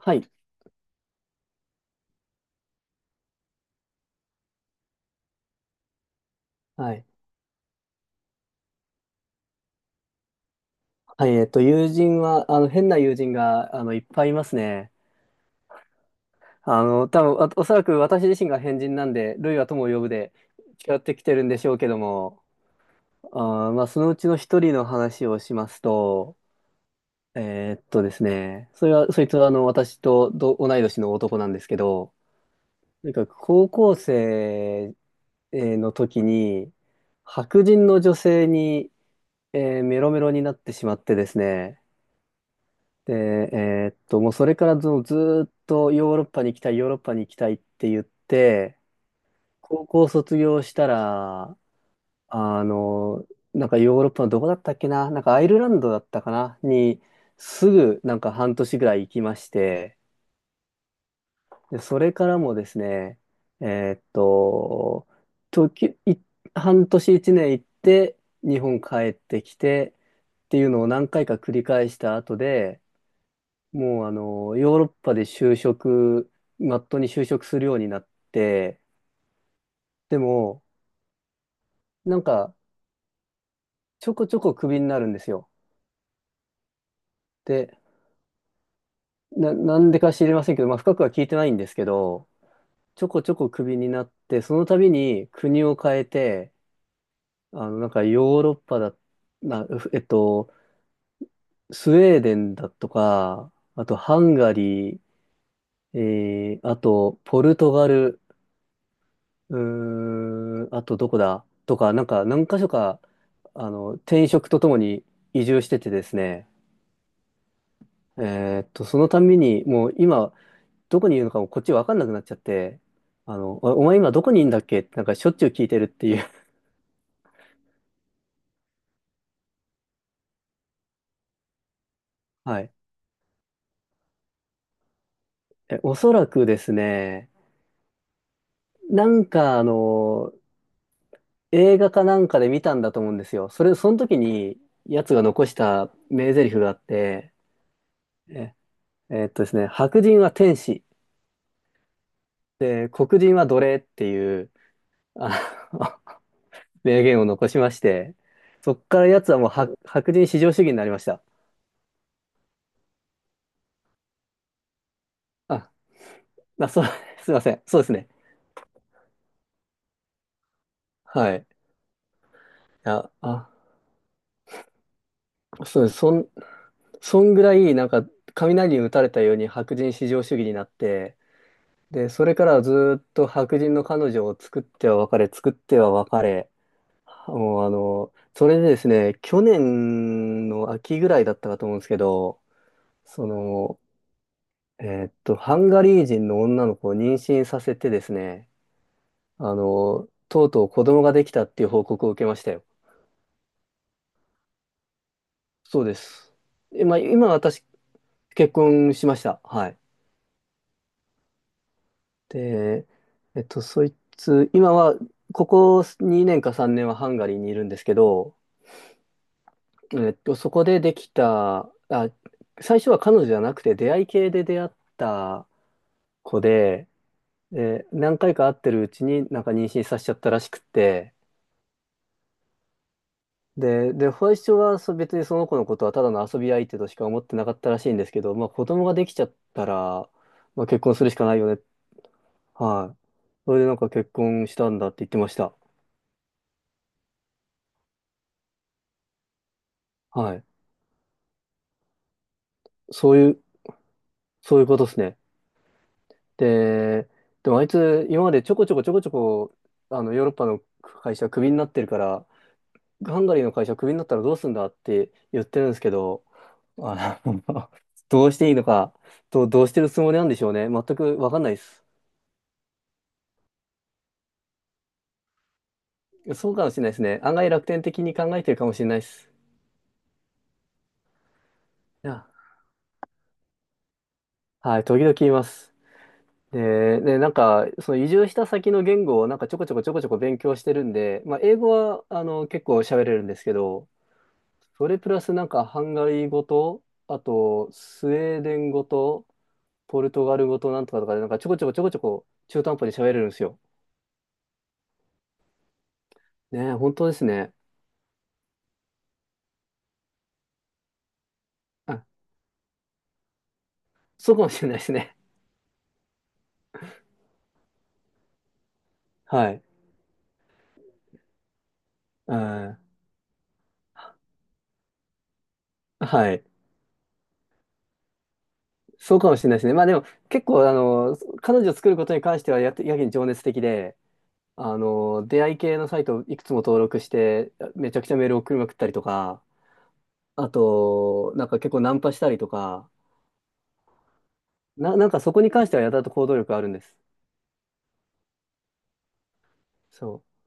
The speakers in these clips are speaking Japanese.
はい。はい。はい。友人は、変な友人が、いっぱいいますね。多分、そらく私自身が変人なんで、ルイは友を呼ぶで、違ってきてるんでしょうけども、まあ、そのうちの一人の話をしますと、ですね、それは、そいつは、私と同い年の男なんですけど、なんか、高校生の時に、白人の女性に、メロメロになってしまってですね、で、もうそれからずずーっとヨーロッパに行きたい、ヨーロッパに行きたいって言って、高校卒業したら、あの、なんかヨーロッパのどこだったっけな、なんかアイルランドだったかな、にすぐなんか半年ぐらい行きまして、で、それからもですね、えーっと、時、い、半年一年行って、日本帰ってきてっていうのを何回か繰り返した後で、もうヨーロッパで就職、まっとうに就職するようになって、でも、なんか、ちょこちょこクビになるんですよ。で、なんでか知りませんけど、まあ、深くは聞いてないんですけど、ちょこちょこクビになって、その度に国を変えて、なんかヨーロッパだ、な、えっと、スウェーデンだとか、あとハンガリー、あとポルトガル、うーん、あとどこだとか、なんか何箇所か、転職とともに移住しててですね、そのたんびに、もう今、どこにいるのかもこっちわかんなくなっちゃって、お前今どこにいるんだっけってなんかしょっちゅう聞いてるっていう。はい。え、おそらくですね、なんかあの、映画かなんかで見たんだと思うんですよ。それ、その時に、やつが残した名台詞があって、え、ですね、白人は天使。で、黒人は奴隷っていう、あの 名言を残しまして、そっから奴はもう白人至上主義になりました。あ、そう、すいません。そうですね。はい。あ、あ、そうです。そんぐらい、なんか、雷に打たれたように白人至上主義になって、で、それからはずーっと白人の彼女を作っては別れ、作っては別れ、もうそれでですね、去年の秋ぐらいだったかと思うんですけど、その、ハンガリー人の女の子を妊娠させてですね、とうとう子供ができたっていう報告を受けましたよ。そうです。え、まあ、今私結婚しました。はい。で、そいつ、今は、ここ2年か3年はハンガリーにいるんですけど、そこでできた、あ、最初は彼女じゃなくて出会い系で出会った子で、え、何回か会ってるうちになんか妊娠させちゃったらしくって、で、最初は別にその子のことはただの遊び相手としか思ってなかったらしいんですけど、まあ子供ができちゃったら、まあ結婚するしかないよね。はい。それでなんか結婚したんだって言ってました。はい。そういう、そういうことですね。で、でもあいつ今までちょこちょこちょこちょこ、あのヨーロッパの会社クビになってるから、ハンガリーの会社クビになったらどうすんだって言ってるんですけど、あの どうしていいのか、どうしてるつもりなんでしょうね。全くわかんないです。そうかもしれないですね。案外楽天的に考えてるかもしれないです。いや、はい、時々言います。で、ね、なんか、その移住した先の言語をなんかちょこちょこちょこちょこ勉強してるんで、まあ、英語は、結構喋れるんですけど、それプラスなんかハンガリー語と、あと、スウェーデン語と、ポルトガル語となんとかとかで、なんかちょこちょこちょこちょこ中途半端に喋れるんですよ。ね、本当ですね。あ、そうかもしれないですね。はい。うん。はい。そうかもしれないですね。まあでも結構あの彼女を作ることに関してはやってやけに情熱的であの出会い系のサイトをいくつも登録してめちゃくちゃメール送りまくったりとかあとなんか結構ナンパしたりとかなんかそこに関してはやたらと行動力あるんです。そう。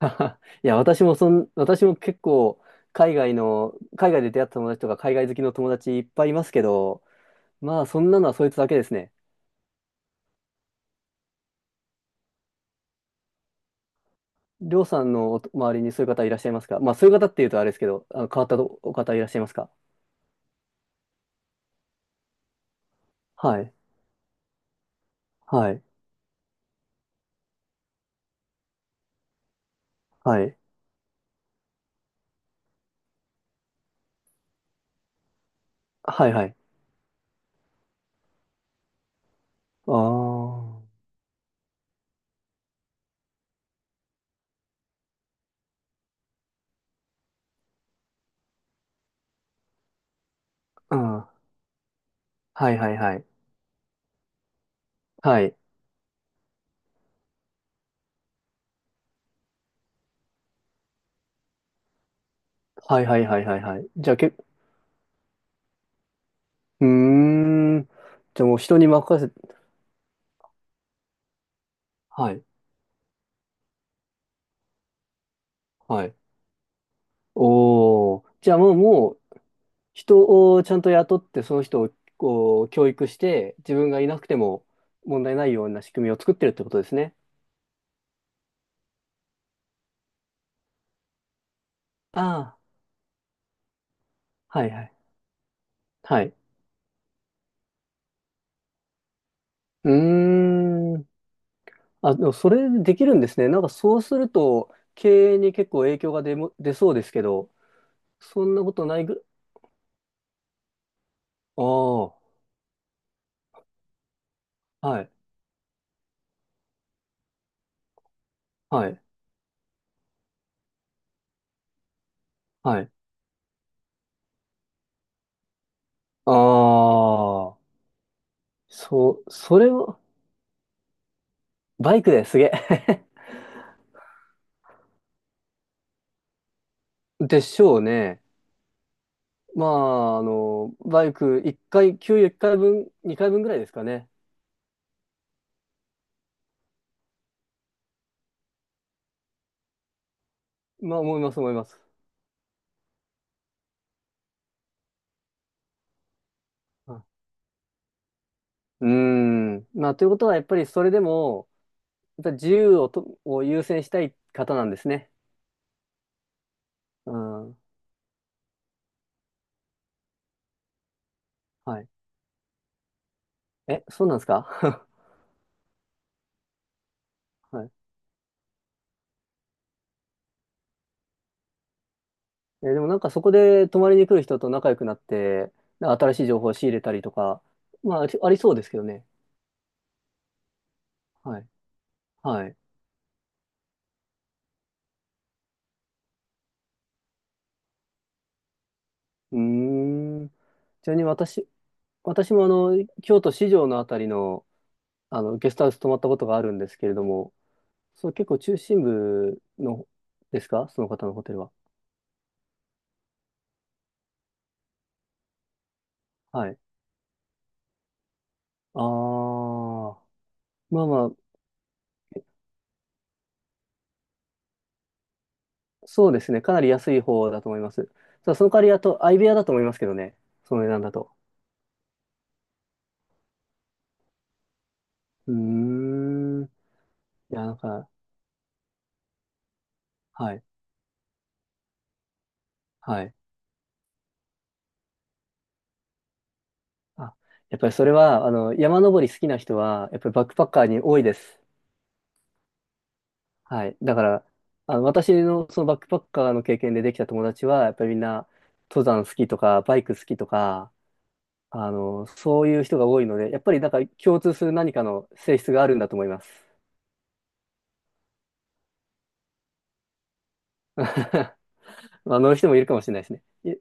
いや私も私も結構海外で出会った友達とか海外好きの友達いっぱいいますけどまあそんなのはそいつだけですね。りょうさんのお周りにそういう方いらっしゃいますか？まあ、そういう方っていうとあれですけど、あの変わったお方いらっしゃいますか？はい。はい。はい。はい、はい。ああ。うん。はい、はい、はい。はい。はい、はい、はい、はい。はいじゃあ、け、うーん。じゃあもう人に任せ、はい。はい。おお。じゃあもう、人をちゃんと雇って、その人をこう、教育して、自分がいなくても問題ないような仕組みを作ってるってことですね。ああ。はい、はい。はい。うーん。あ、でもそれできるんですね。なんかそうすると、経営に結構影響が出そうですけど、そんなことないぐ、ああ、はい、はい、はい。ああ、そう、それを、バイクですげえ。でしょうね。まあ、あの、バイク一回、給油1回分、2回分ぐらいですかね。まあ、思います、思います。あうーん。まあ、ということは、やっぱりそれでも、やっぱり自由をを優先したい方なんですね。うん。はい。え、そうなんですか？ はい。えー、でもなんかそこで泊まりに来る人と仲良くなって、なんか新しい情報を仕入れたりとか、まあ、ありありそうですけどね。はい。はい。うーん。ちなみに私、私もあの、京都市場のあたりの、あの、ゲストハウス泊まったことがあるんですけれども、そう、結構中心部の、ですかその方のホテルは？はい。あー。まあまあ、そうですね。かなり安い方だと思います。ただその代わり、あと、相部屋だと思いますけどね。その値段だと。うーん。いや、なんか、はい、はい。あ、やっぱりそれは、あの、山登り好きな人は、やっぱりバックパッカーに多いです。はい。だから、あの、私のそのバックパッカーの経験でできた友達は、やっぱりみんな、登山好きとか、バイク好きとか、あの、そういう人が多いので、やっぱりなんか共通する何かの性質があるんだと思います。まあ乗る人もいるかもしれないですね。い